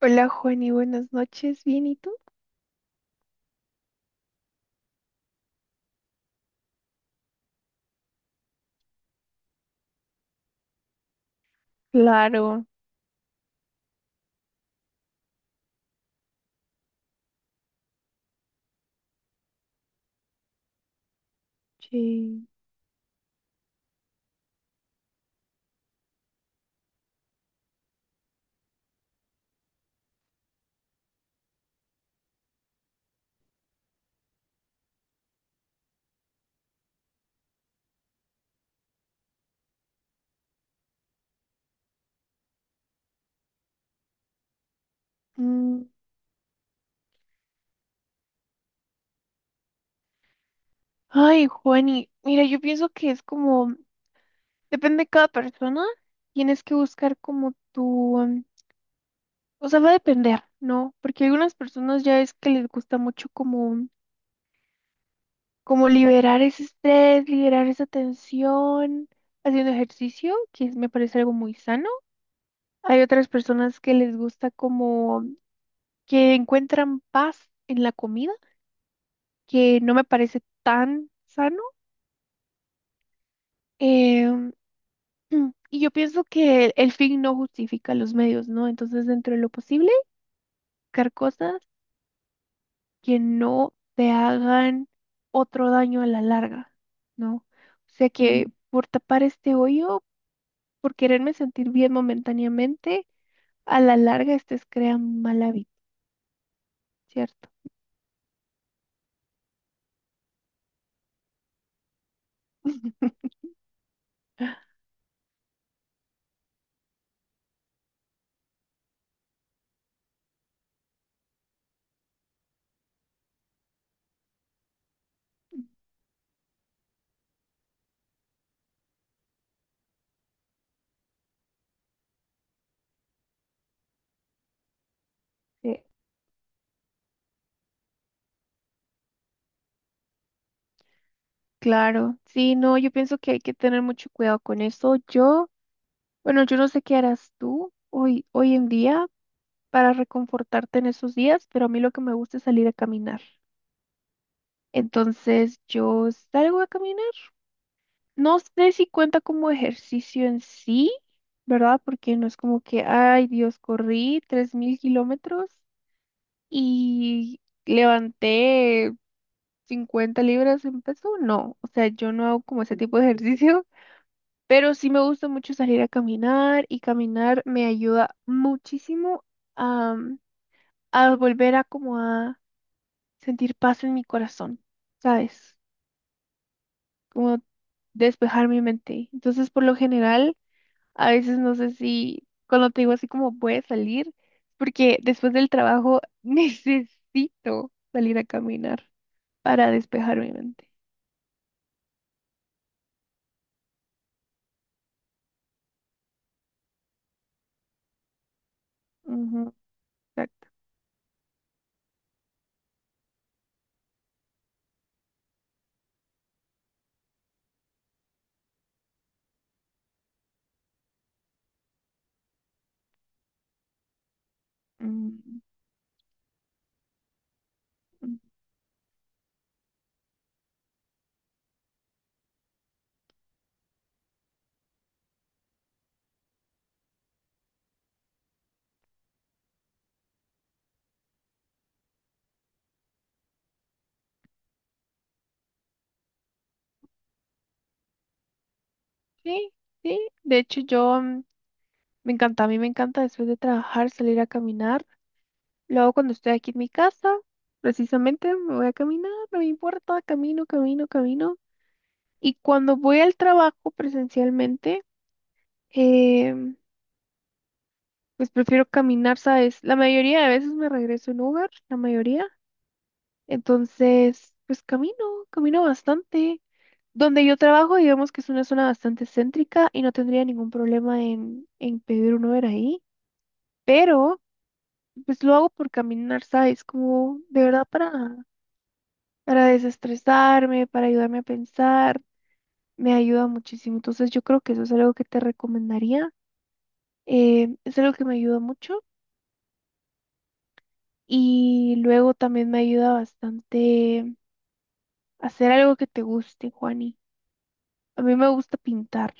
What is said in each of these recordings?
Hola, Juani, buenas noches. ¿Bien y tú? Claro, sí. Mm, ay, Juani, mira, yo pienso que es como, depende de cada persona, tienes que buscar como tu, o sea, va a depender, ¿no? Porque algunas personas ya es que les gusta mucho como, como liberar ese estrés, liberar esa tensión, haciendo ejercicio, me parece algo muy sano. Hay otras personas que les gusta como que encuentran paz en la comida que no me parece tan sano. em, y yo pienso que el fin no justifica los medios, ¿no? Entonces, dentro de lo posible, buscar cosas que no te hagan otro daño a la larga, ¿no? O sea que, por tapar este hoyo, por quererme sentir bien momentáneamente, a la larga estés crean mal hábito, ¿cierto? Mm. Eh, claro, sí, no, yo pienso que hay que tener mucho cuidado con eso. Yo, bueno, yo no sé qué harás tú hoy, hoy en día para reconfortarte en esos días, pero a mí lo que me gusta es salir a caminar. Entonces, yo salgo a caminar. No sé si cuenta como ejercicio en sí, ¿verdad? Porque no es como que, ay, Dios, corrí 3.000 kilómetros y levanté 50 libras en peso. No, o sea, yo no hago como ese tipo de ejercicio. Pero sí me gusta mucho salir a caminar, y caminar me ayuda muchísimo a, a volver a como a sentir paz en mi corazón, ¿sabes? Como despejar mi mente. Entonces, por lo general, a veces no sé si cuando te digo así como voy a salir, porque después del trabajo necesito salir a caminar para despejar mi mente. Ujú, exacto. Mm, mm. Sí, sí. De hecho, yo... me encanta, a mí me encanta después de trabajar salir a caminar. Luego cuando estoy aquí en mi casa, precisamente me voy a caminar, no me importa, camino, camino, camino. Y cuando voy al trabajo presencialmente, em, pues prefiero caminar, ¿sabes? La mayoría de veces me regreso en Uber, la mayoría. Entonces, pues camino, camino bastante. Donde yo trabajo, digamos que es una zona bastante céntrica y no tendría ningún problema en pedir un Uber ahí. Pero... pues lo hago por caminar, ¿sabes? Como de verdad para desestresarme, para ayudarme a pensar, me ayuda muchísimo. Entonces yo creo que eso es algo que te recomendaría. Es algo que me ayuda mucho y luego también me ayuda bastante hacer algo que te guste, Juani. A mí me gusta pintar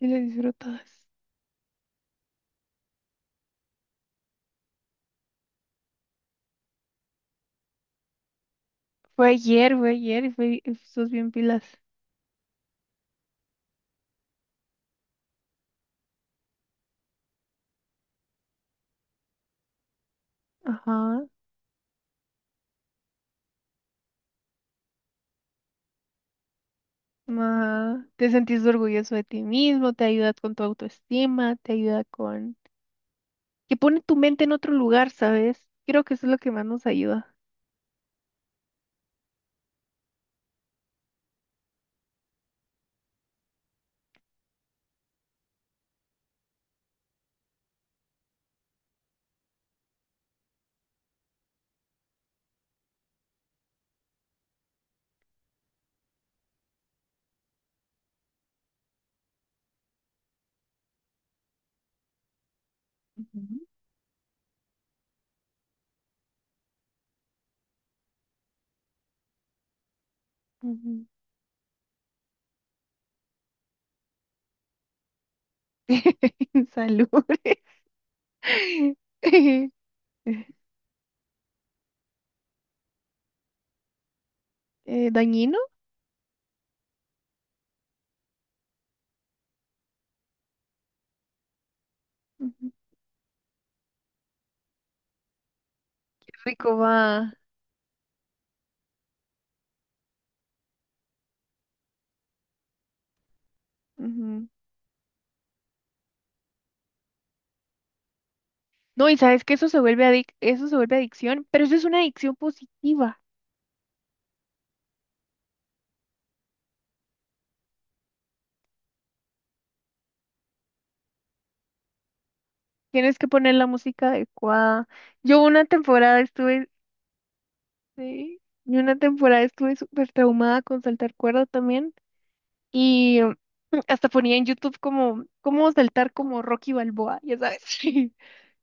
y lo disfrutas. Fue ayer y fue, y sos bien pilas. Ajá. Ajá. Te sentís orgulloso de ti mismo, te ayuda con tu autoestima, te ayuda con que pone tu mente en otro lugar, ¿sabes? Creo que eso es lo que más nos ayuda. Ujú. Ujú. Salud. Dañino. Ujú. Rico va. Ujú. No, y sabes que eso se vuelve eso se vuelve adicción, pero eso es una adicción positiva. Tienes que poner la música adecuada. Yo una temporada estuve, sí, yo una temporada estuve súper traumada con saltar cuerda también. Y hasta ponía en YouTube como cómo saltar como Rocky Balboa, ya sabes,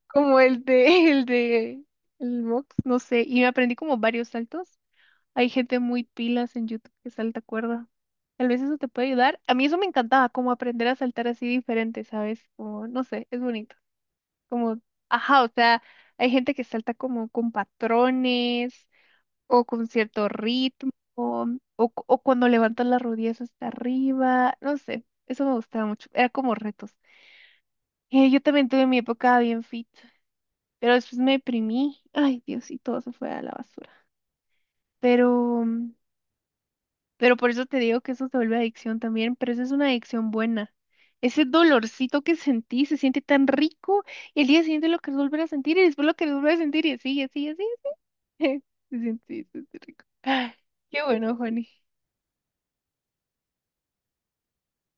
como el de el Mox, no sé, y me aprendí como varios saltos. Hay gente muy pilas en YouTube que salta cuerda. Tal vez eso te puede ayudar. A mí eso me encantaba, como aprender a saltar así diferente, ¿sabes? Como, no sé, es bonito. Como, ajá, o sea, hay gente que salta como con patrones, o con cierto ritmo, o, o cuando levantas las rodillas hasta arriba, no sé, eso me gustaba mucho, era como retos. Yo también tuve mi época bien fit, pero después me deprimí, ay Dios, y todo se fue a la basura. Pero, pero por eso te digo que eso se vuelve adicción también, pero eso es una adicción buena. Ese dolorcito que sentí se siente tan rico y el día siguiente lo querés volver a sentir y después lo querés volver a sentir y así, y así, y así. Se siente rico. Ay, qué bueno, Juani.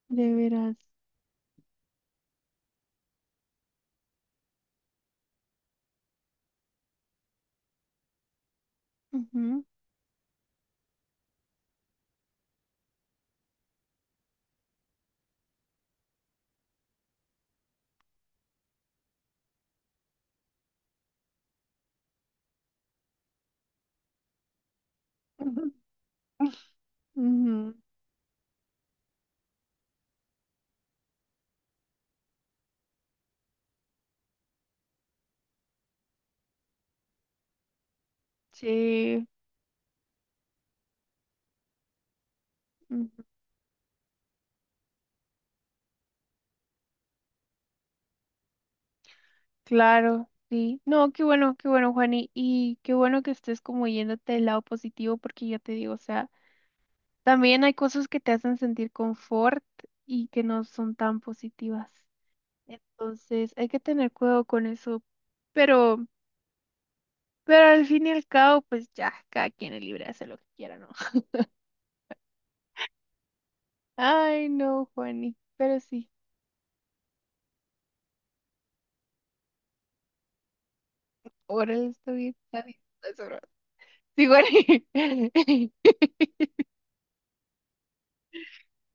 De veras. Ujú, ujú, ujú. Sí, ujú, claro, sí. No, qué bueno, Juani. Y qué bueno que estés como yéndote del lado positivo, porque ya te digo, o sea, también hay cosas que te hacen sentir confort y que no son tan positivas. Entonces, hay que tener cuidado con eso. Pero, pero al fin y al cabo, pues ya, cada quien es libre de hacer lo que quiera, ¿no? Ay, no, Juani. Pero sí, órale, está bien. Está bien. Eso, no. Sí, Juani.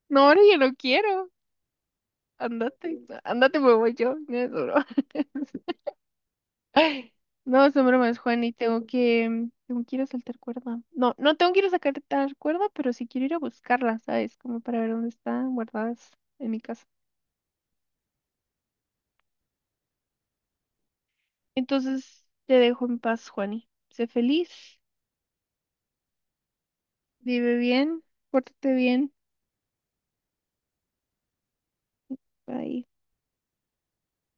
No, ahora yo no quiero. Andate, andate, me voy yo. No, es broma. No, son bromas, Juan, y tengo que ir a saltar cuerda. No, no tengo que ir a sacar tal cuerda, pero sí quiero ir a buscarla, ¿sabes? Como para ver dónde están guardadas en mi casa. Entonces, te dejo en paz, Juani. Sé feliz, vive bien, pórtate bien. Bye.